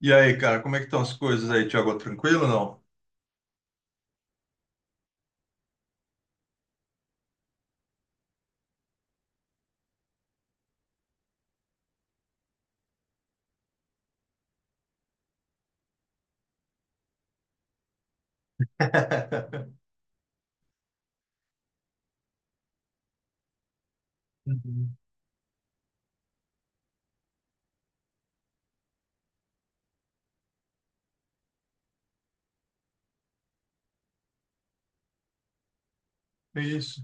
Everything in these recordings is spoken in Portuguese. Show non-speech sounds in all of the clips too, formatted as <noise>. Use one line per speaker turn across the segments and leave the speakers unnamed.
E aí, cara, como é que estão as coisas aí, Thiago? Tranquilo ou não? <laughs> Uhum. Isso.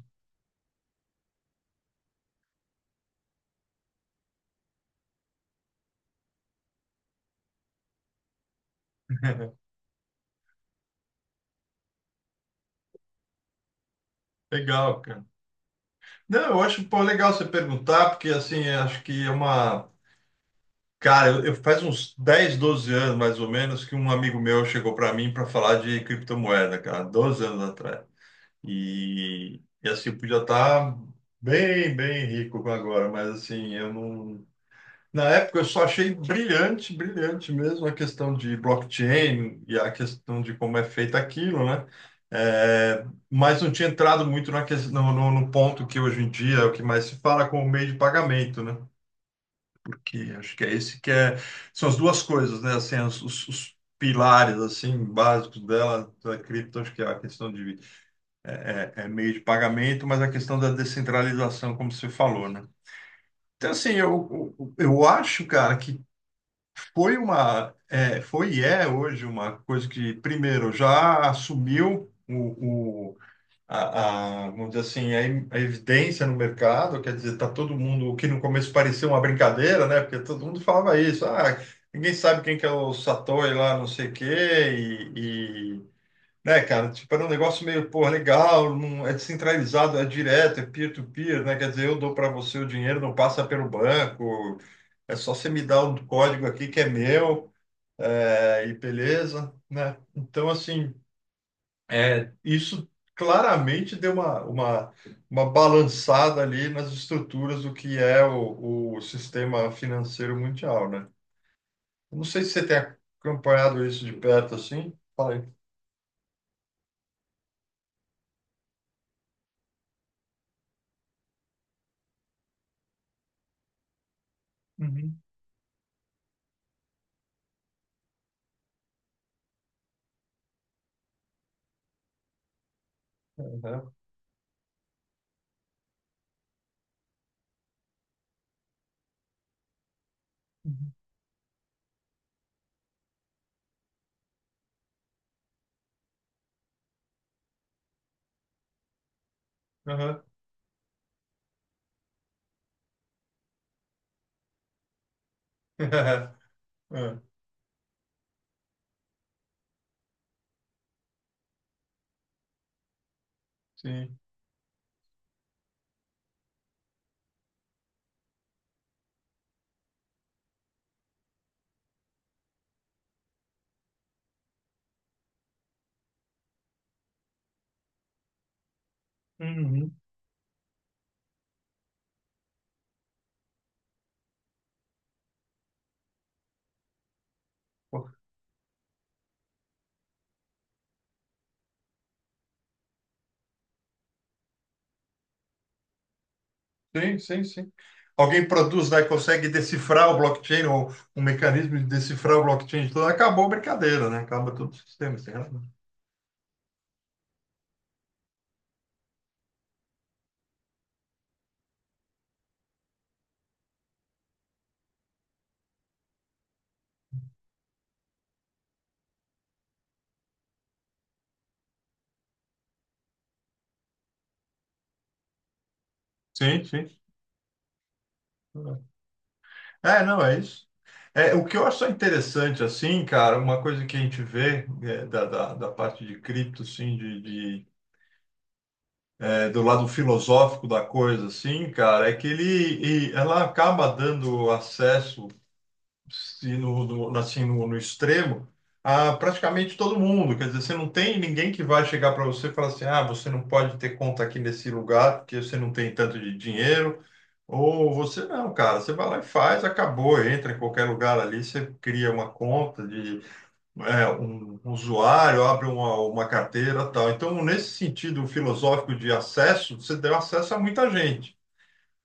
<laughs> Legal, cara. Não, eu acho, pô, legal você perguntar, porque assim, eu acho que é uma. Cara, eu faz uns 10, 12 anos, mais ou menos, que um amigo meu chegou para mim para falar de criptomoeda, cara, 12 anos atrás. E assim, eu podia estar bem, bem rico agora, mas assim, eu não. Na época eu só achei brilhante, brilhante mesmo a questão de blockchain e a questão de como é feito aquilo, né? É, mas não tinha entrado muito na ques- no, no- no ponto que hoje em dia é o que mais se fala como meio de pagamento, né? Porque acho que é esse que é, são as duas coisas, né? Assim, os os pilares assim básicos dela, da cripto, acho que é a questão de é meio de pagamento, mas a questão da descentralização, como você falou, né? Então, assim, eu acho, cara, que foi uma, é, foi e é hoje uma coisa que, primeiro, já assumiu vamos dizer assim, a evidência no mercado, quer dizer, tá todo mundo, o que no começo parecia uma brincadeira, né? Porque todo mundo falava isso, ah, ninguém sabe quem que é o Satoshi lá, não sei o quê, e, e, né, cara, tipo, era um negócio meio, pô, legal, não, é descentralizado, é direto, é peer-to-peer, né? Quer dizer, eu dou para você o dinheiro, não passa pelo banco, é só você me dar um código aqui que é meu e beleza, né? Então, assim, isso claramente deu uma uma balançada ali nas estruturas do que é o sistema financeiro mundial, né? Eu não sei se você tem acompanhado isso de perto assim. Fala aí. Uhum. Aham. Uhum. Aham. <laughs> É, sim. Uhum. Sim, sim, sim. Alguém produz lá e consegue decifrar o blockchain, ou um mecanismo de decifrar o blockchain, então acabou a brincadeira, né? Acaba todo o sistema. Você tem razão. Sim, sim. É, não, é isso. É, o que eu acho só interessante, assim, cara, uma coisa que a gente vê é, da parte de cripto, assim, é, do lado filosófico da coisa, assim, cara, é que ele, e ela acaba dando acesso se no, assim, no extremo, a praticamente todo mundo. Quer dizer, você não tem ninguém que vai chegar para você e falar assim: ah, você não pode ter conta aqui nesse lugar porque você não tem tanto de dinheiro. Ou você não, cara, você vai lá e faz, acabou, entra em qualquer lugar ali, você cria uma conta de um usuário, abre uma carteira, tal. Então, nesse sentido filosófico de acesso, você deu acesso a muita gente.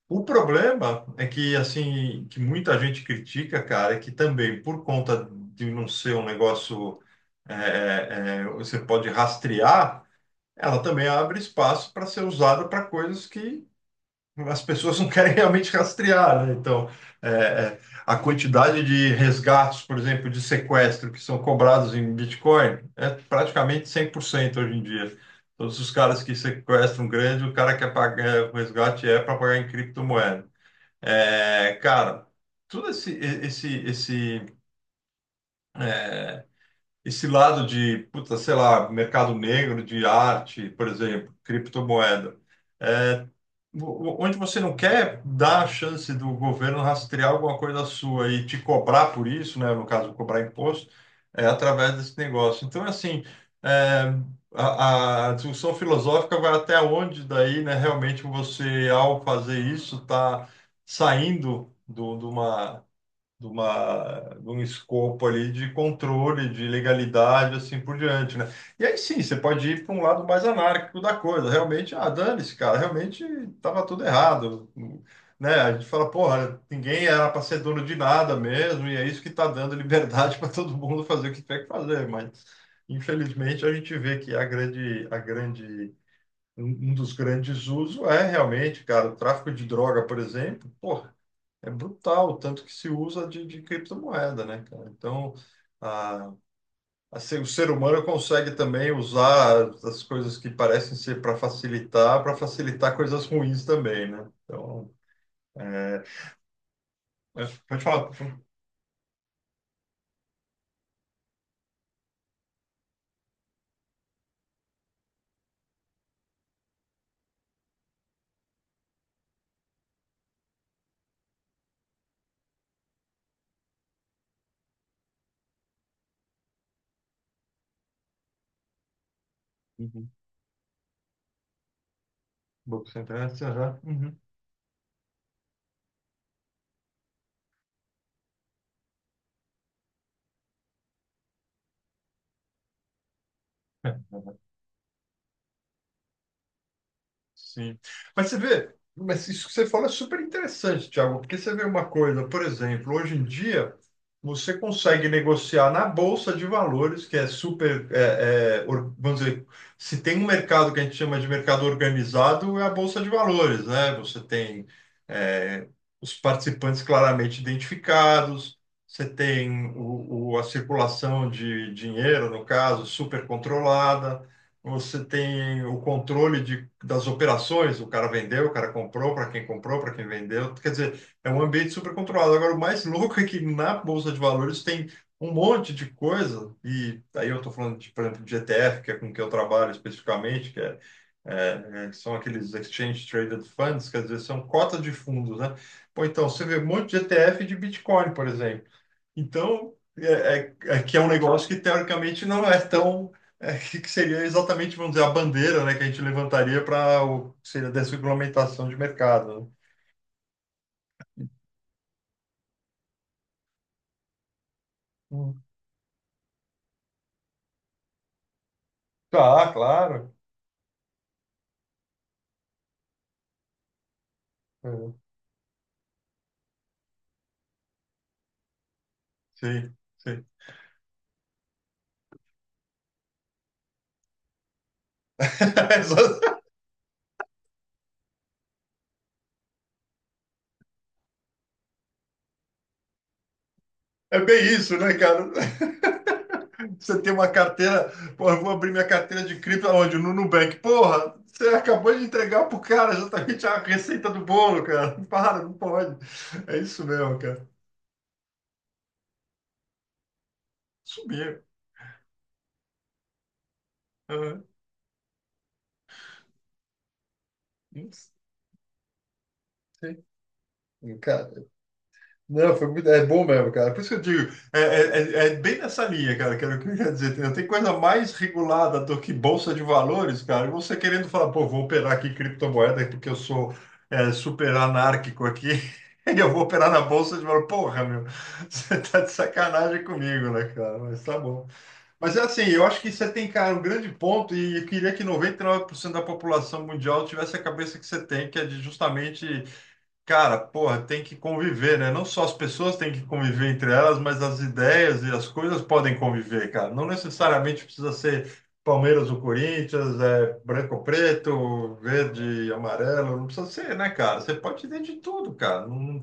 O problema é que, assim, que muita gente critica, cara, é que também, por conta de não ser um negócio você pode rastrear, ela também abre espaço para ser usada para coisas que as pessoas <laughs> não querem realmente rastrear, né? Então, é, é, a quantidade de resgates, por exemplo, de sequestro que são cobrados em Bitcoin é praticamente 100% hoje em dia. Todos os caras que sequestram grande, o cara quer pagar o resgate é para pagar em criptomoeda. É, cara, todo esse esse lado de, puta, sei lá, mercado negro de arte, por exemplo, criptomoeda, é, onde você não quer dar a chance do governo rastrear alguma coisa sua e te cobrar por isso, né, no caso, cobrar imposto, é através desse negócio. Então, assim, é, a discussão filosófica vai até onde daí, né, realmente você, ao fazer isso, está saindo do, de uma de uma, de um escopo ali de controle, de legalidade, assim por diante, né? E aí sim, você pode ir para um lado mais anárquico da coisa. Realmente, ah, dane-se, cara, realmente estava tudo errado, né? A gente fala, porra, ninguém era para ser dono de nada mesmo, e é isso que está dando liberdade <laughs> para todo mundo fazer o que tiver que fazer, mas infelizmente a gente vê que a grande Um um dos grandes usos é realmente, cara, o tráfico de droga, por exemplo. Pô, é brutal, tanto que se usa de, criptomoeda, né, cara? Então, a, o ser humano consegue também usar as coisas que parecem ser para facilitar coisas ruins também, né? Então, é, pode falar. Uhum. Boca sem internet, uhum. Sim. Mas você vê, mas isso que você fala é super interessante, Thiago, porque você vê uma coisa, por exemplo, hoje em dia você consegue negociar na Bolsa de Valores, que é super, vamos dizer, se tem um mercado que a gente chama de mercado organizado, é a Bolsa de Valores, né? Você tem, é, os participantes claramente identificados, você tem a circulação de dinheiro, no caso, super controlada. Você tem o controle de, das operações, o cara vendeu, o cara comprou, para quem vendeu. Quer dizer, é um ambiente super controlado. Agora, o mais louco é que na Bolsa de Valores tem um monte de coisa, e aí eu estou falando, de, por exemplo, de ETF, que é com que eu trabalho especificamente, que é, são aqueles Exchange Traded Funds, quer dizer, são cotas de fundos, né? Pô, então, você vê um monte de ETF de Bitcoin, por exemplo. Então, é que é um negócio que teoricamente não é tão. Que seria exatamente, vamos dizer, a bandeira, né, que a gente levantaria para o que seria a desregulamentação de mercado. Né? Hum. Tá, claro. É. Sim, sim. <laughs> É bem isso, né, cara? Você tem uma carteira, porra, eu vou abrir minha carteira de cripto aonde? No Nubank. Porra, você acabou de entregar pro cara exatamente a receita do bolo, cara. Para, não pode. É isso mesmo, cara. Sumiu. Uhum. Sim. Cara, não, foi muito, é bom mesmo, cara. Por isso que eu digo, é bem nessa linha, cara, que era o que eu ia dizer. Não tem coisa mais regulada do que bolsa de valores, cara. E você querendo falar, pô, vou operar aqui criptomoeda porque eu sou super anárquico aqui, <laughs> e eu vou operar na bolsa de valores. Porra, meu, <laughs> você tá de sacanagem comigo, né, cara? Mas tá bom. Mas é assim, eu acho que você tem, cara, um grande ponto, e eu queria que 99% da população mundial tivesse a cabeça que você tem, que é de justamente. Cara, porra, tem que conviver, né? Não só as pessoas têm que conviver entre elas, mas as ideias e as coisas podem conviver, cara. Não necessariamente precisa ser Palmeiras ou Corinthians, é branco ou preto, verde e amarelo, não precisa ser, né, cara? Você pode ter de tudo, cara. Não-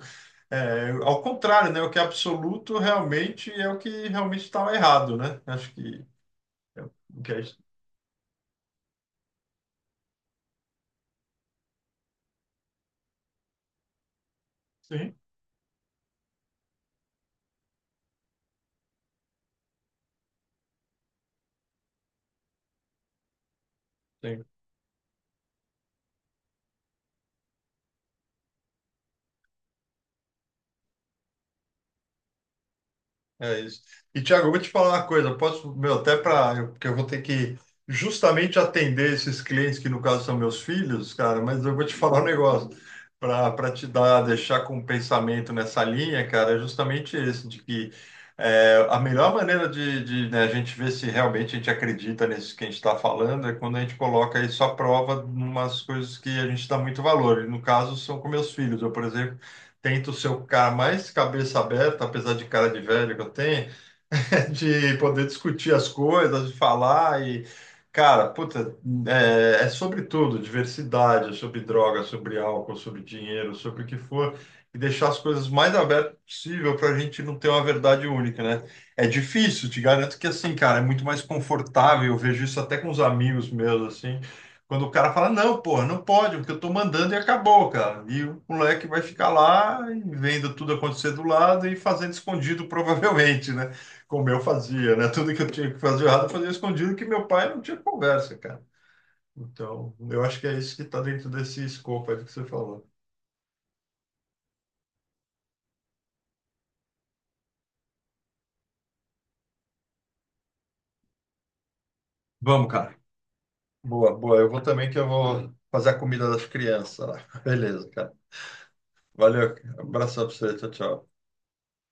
é, Ao contrário, né? O que é absoluto realmente é o que realmente estava errado, né? Acho que é o que é isso. Sim. Sim. É isso. E, Thiago, eu vou te falar uma coisa, eu posso, meu, até para, porque eu vou ter que justamente atender esses clientes que no caso são meus filhos, cara, mas eu vou te falar um negócio para te dar, deixar com um pensamento nessa linha, cara, é justamente esse, de que a melhor maneira né, a gente ver se realmente a gente acredita nisso que a gente está falando é quando a gente coloca isso à prova em umas coisas que a gente dá muito valor. E no caso são com meus filhos. Eu, por exemplo, tento ser o cara mais cabeça aberta, apesar de cara de velho que eu tenho, <laughs> de poder discutir as coisas, de falar e, cara, puta, sobre tudo, diversidade, é sobre droga, é sobre álcool, sobre dinheiro, sobre o que for, e deixar as coisas mais abertas possível para a gente não ter uma verdade única, né? É difícil, te garanto que assim, cara, é muito mais confortável, eu vejo isso até com os amigos meus, assim, quando o cara fala, não, porra, não pode, porque eu tô mandando e acabou, cara. E o moleque vai ficar lá e vendo tudo acontecer do lado e fazendo escondido, <laughs> provavelmente, né? Como eu fazia, né? Tudo que eu tinha que fazer errado, eu fazia escondido, que meu pai não tinha conversa, cara. Então, eu acho que é isso que está dentro desse escopo aí do que você falou. Vamos, cara. Boa, boa. Eu vou também, que eu vou fazer a comida das crianças lá. <laughs> Beleza, cara. Valeu. Abração pra você. Tchau, tchau.